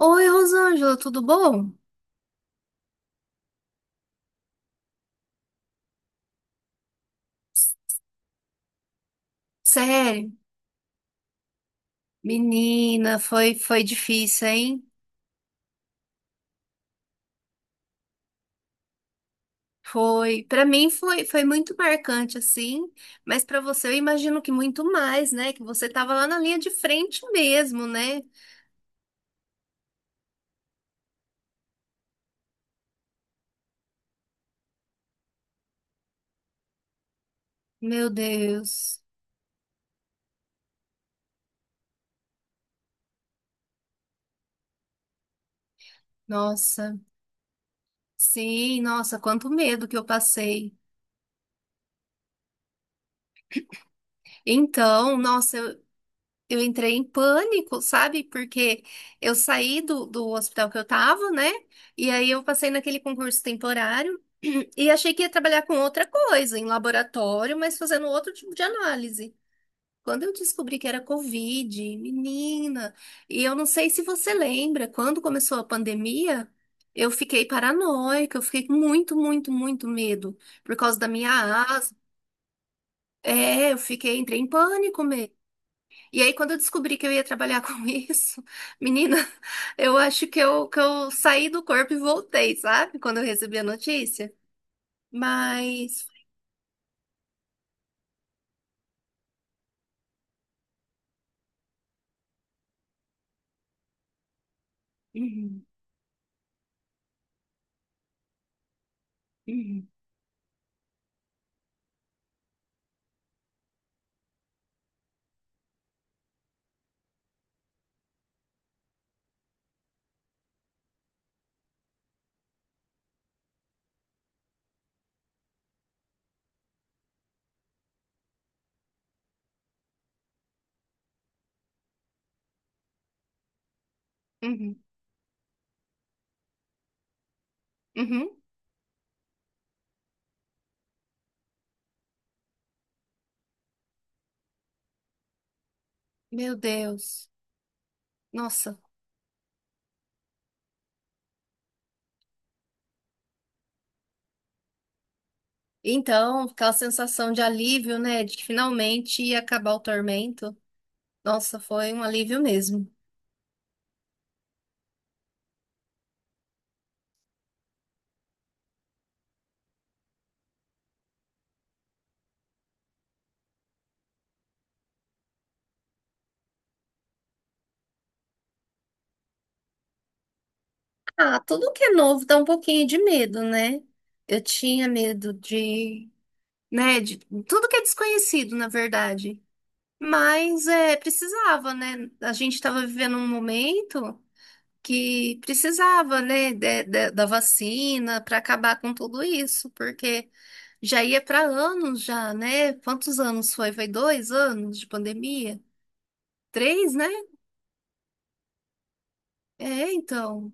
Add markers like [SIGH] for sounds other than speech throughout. Oi, Rosângela, tudo bom? Sério? Menina, foi difícil, hein? Foi, para mim foi muito marcante assim, mas para você eu imagino que muito mais, né? Que você tava lá na linha de frente mesmo, né? Meu Deus. Nossa. Sim, nossa, quanto medo que eu passei. Então, nossa, eu. Eu entrei em pânico, sabe? Porque eu saí do hospital que eu tava, né? E aí eu passei naquele concurso temporário. E achei que ia trabalhar com outra coisa, em laboratório, mas fazendo outro tipo de análise. Quando eu descobri que era Covid, menina, e eu não sei se você lembra, quando começou a pandemia, eu fiquei paranoica, eu fiquei com muito, muito, muito medo por causa da minha asma. É, eu fiquei, entrei em pânico mesmo. E aí, quando eu descobri que eu ia trabalhar [LAUGHS] com isso, menina, eu acho que eu saí do corpo e voltei, sabe? Quando eu recebi a notícia. Mas. Uhum. Uhum, uhum, uhum. Meu Deus. Nossa. Então, aquela sensação de alívio, né? De que finalmente ia acabar o tormento. Nossa, foi um alívio mesmo. Ah, tudo que é novo dá um pouquinho de medo, né? Eu tinha medo de, né, de tudo que é desconhecido, na verdade. Mas é, precisava, né? A gente estava vivendo um momento que precisava, né, da vacina para acabar com tudo isso, porque já ia para anos já, né? Quantos anos foi? Foi dois anos de pandemia? Três, né? É, então.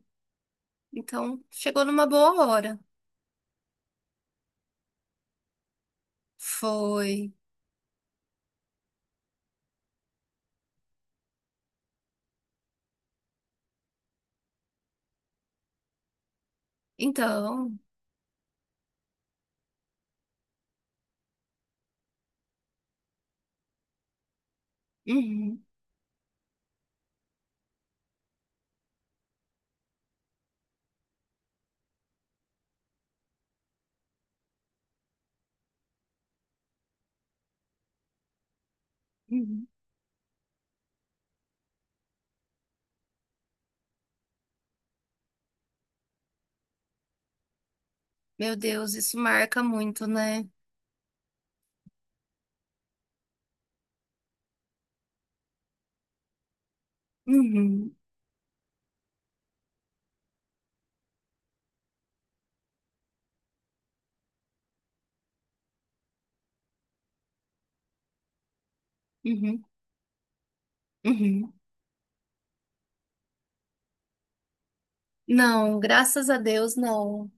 Então, chegou numa boa hora. Foi. Então. Uhum, uhum. Meu Deus, isso marca muito, né? Uhum, uhum, uhum. Não, graças a Deus, não.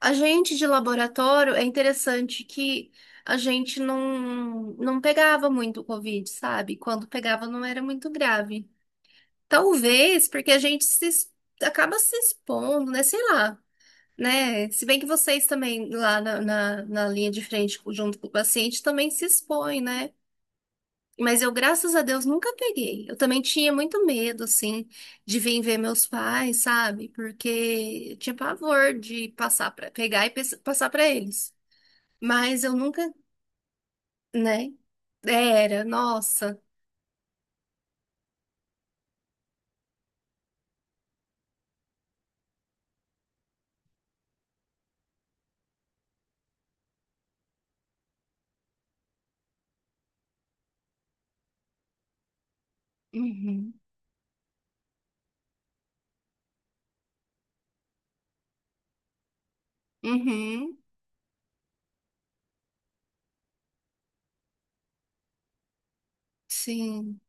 A gente de laboratório, é interessante que a gente não pegava muito o Covid, sabe? Quando pegava, não era muito grave. Talvez porque a gente se, es- acaba se expondo, né? Sei lá, né? Se bem que vocês também, lá na linha de frente, junto com o paciente, também se expõem, né? Mas eu, graças a Deus, nunca peguei. Eu também tinha muito medo, assim, de vir ver meus pais, sabe? Porque eu tinha pavor de passar para pegar e passar para eles. Mas eu nunca, né? Era, nossa. Uhum. Uhum. Sim.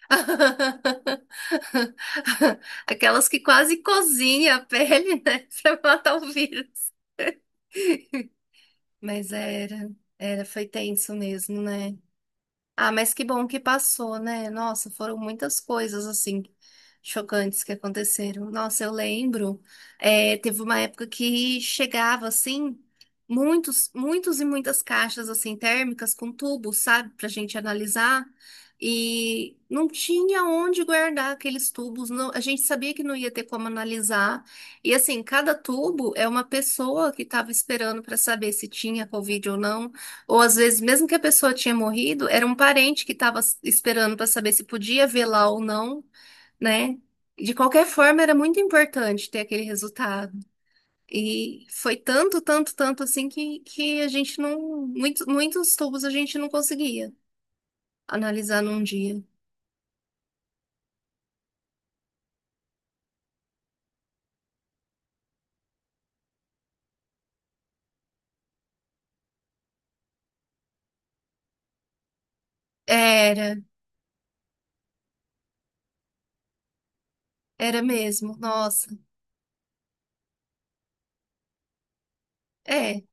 [LAUGHS] Aquelas que quase cozinha a pele, né? [LAUGHS] Pra matar o vírus. Mas era, foi tenso mesmo, né? Ah, mas que bom que passou, né? Nossa, foram muitas coisas assim chocantes que aconteceram. Nossa, eu lembro, é, teve uma época que chegava assim muitos, muitos e muitas caixas assim térmicas com tubos, sabe, pra gente analisar. E não tinha onde guardar aqueles tubos. A gente sabia que não ia ter como analisar. E assim, cada tubo é uma pessoa que estava esperando para saber se tinha Covid ou não. Ou às vezes, mesmo que a pessoa tinha morrido, era um parente que estava esperando para saber se podia velar ou não, né? De qualquer forma, era muito importante ter aquele resultado. E foi tanto, tanto, tanto assim que a gente não. Muitos, muitos tubos a gente não conseguia analisar num dia. Era, era mesmo. Nossa, é,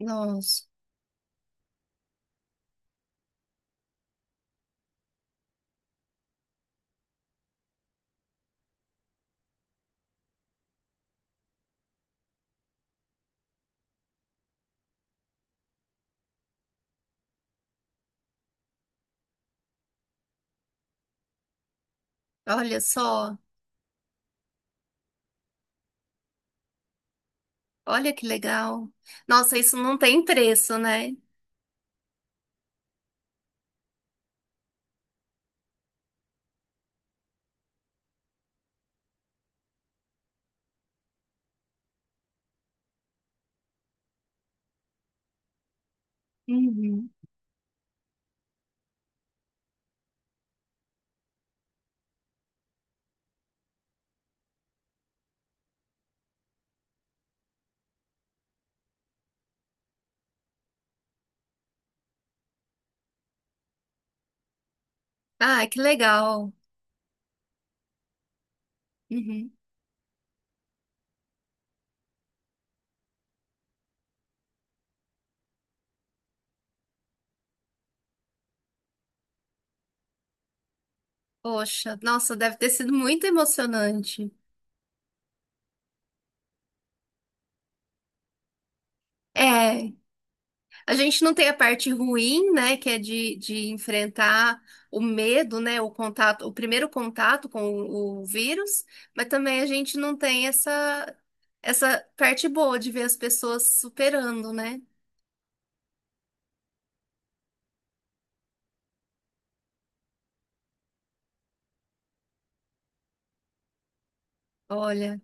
nossa. Olha só, olha que legal. Nossa, isso não tem preço, né? Uhum. Ah, que legal. Uhum. Poxa, nossa, deve ter sido muito emocionante. É, a gente não tem a parte ruim, né, que é de enfrentar o medo, né, o contato, o primeiro contato com o vírus, mas também a gente não tem essa parte boa de ver as pessoas superando, né? Olha.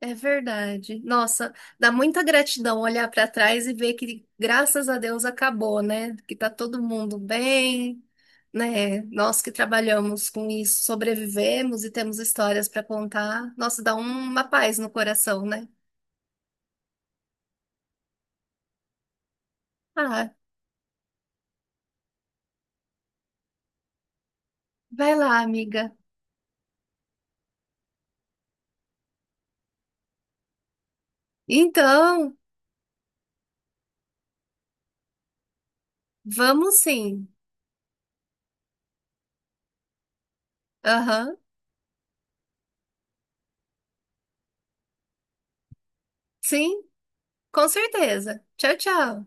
É verdade. Nossa, dá muita gratidão olhar para trás e ver que, graças a Deus, acabou, né? Que tá todo mundo bem, né? Nós que trabalhamos com isso, sobrevivemos e temos histórias para contar. Nossa, dá uma paz no coração, né? Ah, vai lá, amiga. Então, vamos sim. Aham, sim, com certeza. Tchau, tchau.